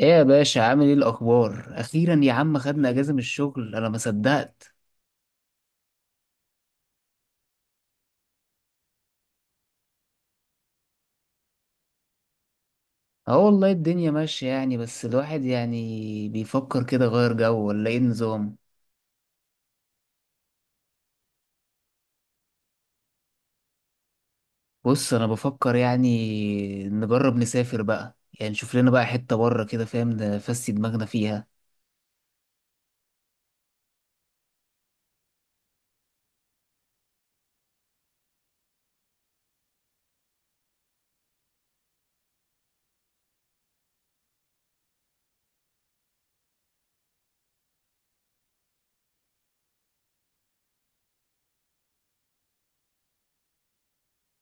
ايه يا باشا، عامل ايه الاخبار؟ اخيرا يا عم خدنا اجازه من الشغل، انا ما صدقت. اه والله الدنيا ماشيه يعني، بس الواحد يعني بيفكر كده، غير جو ولا ايه النظام؟ بص انا بفكر يعني نجرب نسافر بقى، يعني نشوف لنا بقى حته بره كده، فاهم نفسي؟ دماغنا فيها.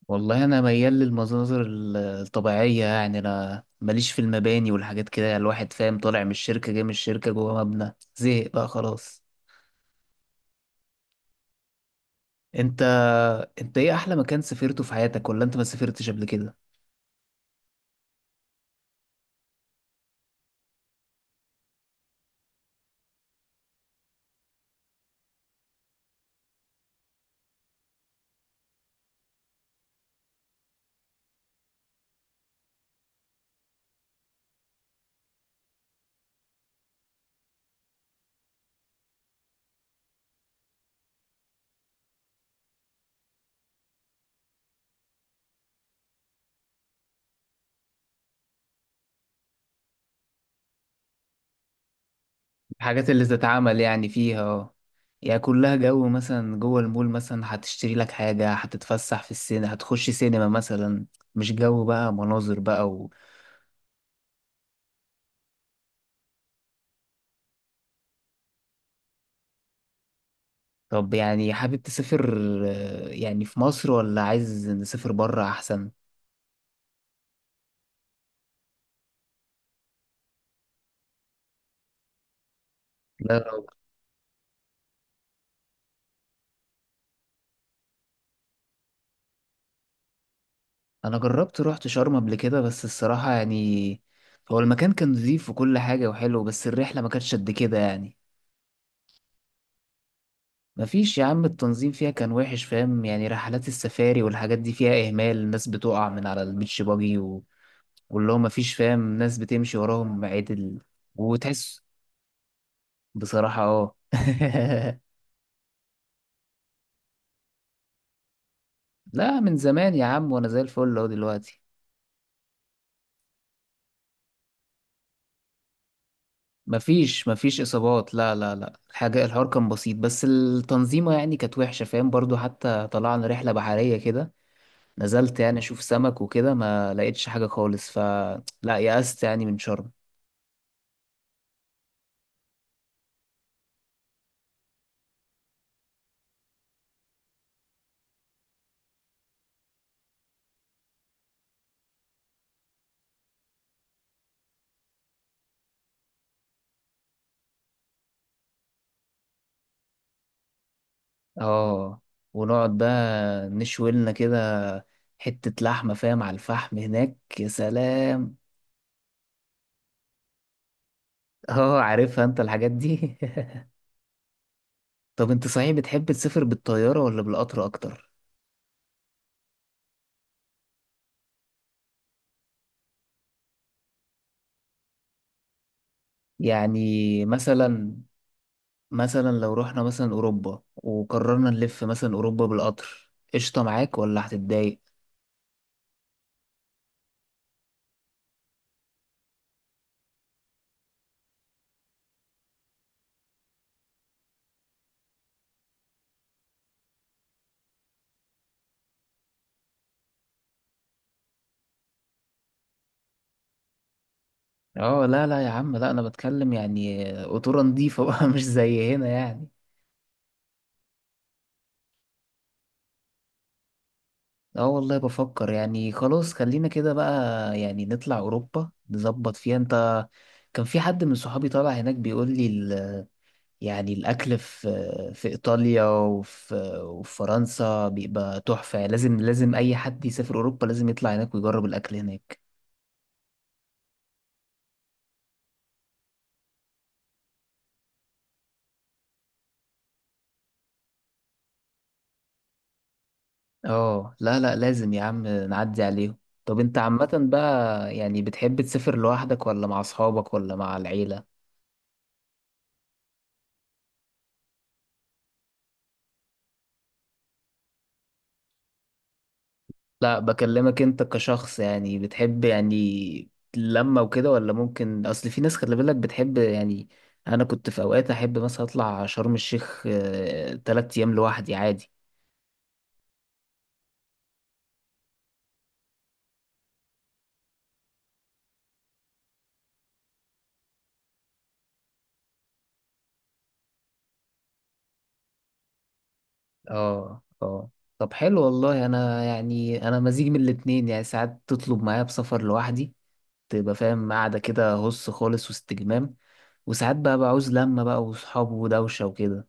والله انا ميال للمناظر الطبيعيه يعني، انا ماليش في المباني والحاجات كده يعني. الواحد فاهم، طالع من الشركه جاي من الشركه جوه مبنى، زهق بقى خلاص. انت انت ايه احلى مكان سافرته في حياتك؟ ولا انت ما سافرتش قبل كده؟ الحاجات اللي تتعمل يعني فيها، اه. يعني كلها جو، مثلا جوه المول مثلا هتشتري لك حاجة، هتتفسح في السينما، هتخش سينما مثلا. مش جو بقى مناظر بقى طب يعني حابب تسافر يعني في مصر، ولا عايز نسافر بره احسن؟ لا لو- انا جربت رحت شرم قبل كده، بس الصراحة يعني، هو المكان كان نظيف وكل حاجة وحلو، بس الرحلة ما كانتش قد كده يعني. مفيش يا عم، التنظيم فيها كان وحش، فاهم يعني؟ رحلات السفاري والحاجات دي فيها إهمال، الناس بتقع من على البيتش باجي واللي هو مفيش، فاهم؟ ناس بتمشي وراهم عدل وتحس. بصراحة اه. لا من زمان يا عم، وأنا زي الفل أهو دلوقتي. مفيش إصابات، لا لا لا، الحاجة الحوار كان بسيط، بس التنظيمة يعني كانت وحشة، فاهم برضو؟ حتى طلعنا رحلة بحرية كده، نزلت يعني أشوف سمك وكده، ما لقيتش حاجة خالص، فلا. يأست يعني من شرم. اه، ونقعد بقى نشوي لنا كده حتة لحمة، فاهم؟ على الفحم هناك، يا سلام. اه عارفها انت الحاجات دي. طب انت صحيح بتحب تسافر بالطيارة ولا بالقطر اكتر؟ يعني مثلا، مثلا لو رحنا مثلا اوروبا وقررنا نلف مثلا اوروبا بالقطر، قشطة معاك ولا هتتضايق؟ اه لا لا يا عم، لا انا بتكلم يعني قطورة نضيفة بقى مش زي هنا يعني. اه والله بفكر يعني، خلاص خلينا كده بقى. يعني نطلع اوروبا نظبط فيها. انت، كان في حد من صحابي طالع هناك بيقول لي يعني الاكل في في ايطاليا وفي، وفي فرنسا بيبقى تحفة يعني. لازم، لازم اي حد يسافر اوروبا لازم يطلع هناك ويجرب الاكل هناك. اه لا لا لازم يا عم نعدي عليهم. طب انت عامة بقى يعني بتحب تسافر لوحدك ولا مع اصحابك ولا مع العيلة؟ لا بكلمك انت كشخص، يعني بتحب يعني لما وكده، ولا ممكن، اصل في ناس خلي بالك بتحب يعني. انا كنت في اوقات احب مثلا اطلع شرم الشيخ تلات ايام لوحدي عادي. اه اه. طب حلو والله، انا يعني انا مزيج من الاتنين يعني. ساعات تطلب معايا بسفر لوحدي، تبقى فاهم قاعدة كده هص خالص واستجمام، وساعات بقى بعوز لمة بقى وصحاب ودوشة وكده.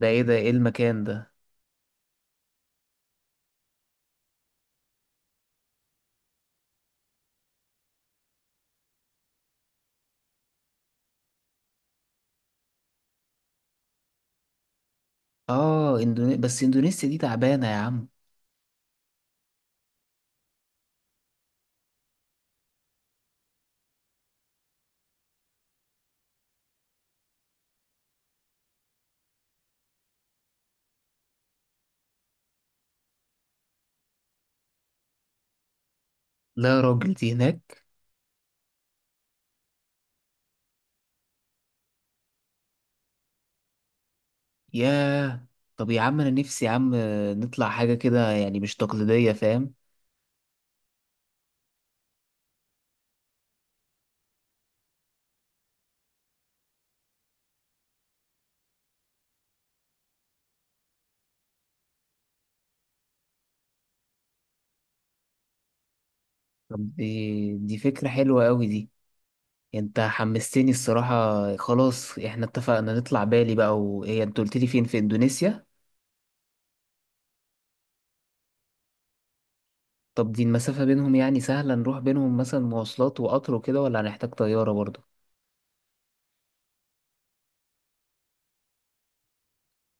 ده ايه؟ ده ايه المكان ده؟ اه اندوني...، بس اندونيسيا دي تعبانة يا عم. لا يا راجل، دي هناك؟ ياه. طب يا عم انا نفسي يا عم نطلع حاجة كده يعني مش تقليدية، فاهم؟ طب دي فكرة حلوة قوي دي. يعني انت حمستني الصراحة. خلاص احنا اتفقنا نطلع بالي بقى، وهي انت قلت لي فين؟ في اندونيسيا؟ طب دي المسافة بينهم يعني سهلة نروح بينهم؟ مثلا مواصلات وقطر وكده، ولا هنحتاج طيارة برضه؟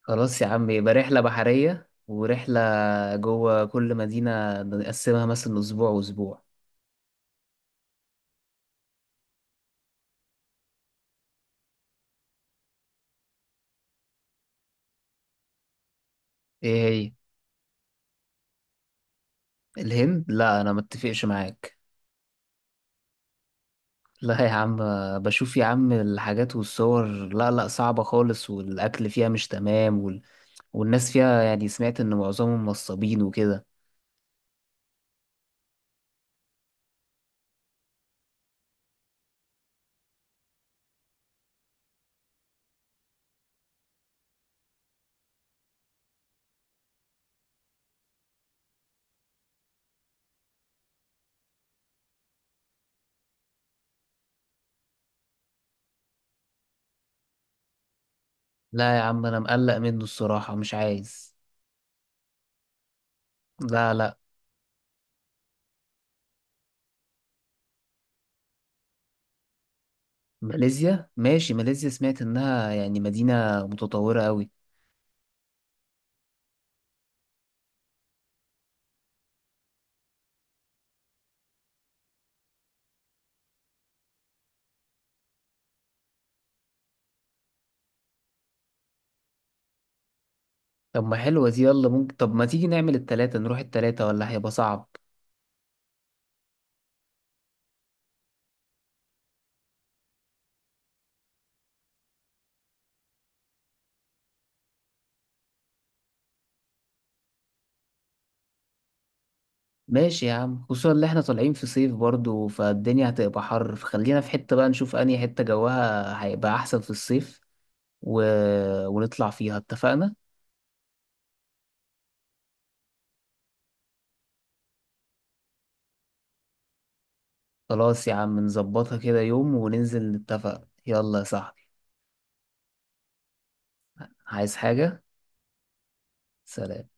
خلاص يا عم، يبقى رحلة بحرية ورحلة. جوه كل مدينة نقسمها مثلا أسبوع وأسبوع. إيه هي؟ الهند؟ لا أنا متفقش معاك. لا يا عم، بشوف يا عم الحاجات والصور، لا لا صعبة خالص، والأكل فيها مش تمام والناس فيها يعني سمعت إن معظمهم نصابين وكده. لا يا عم، أنا مقلق منه الصراحة، مش عايز. لا لا. ماليزيا، ماشي ماليزيا، سمعت إنها يعني مدينة متطورة أوي. طب ما حلوة دي، يلا ممكن، طب ما تيجي نعمل التلاتة، نروح التلاتة ولا هيبقى صعب؟ ماشي يا عم، خصوصا اللي احنا طالعين في صيف برضو، فالدنيا هتبقى حر، فخلينا في حتة بقى نشوف أنهي حتة جوها هيبقى أحسن في الصيف و... ونطلع فيها، اتفقنا. خلاص يا عم نظبطها كده يوم وننزل نتفق، يلا يا صاحبي. عايز حاجة؟ سلام.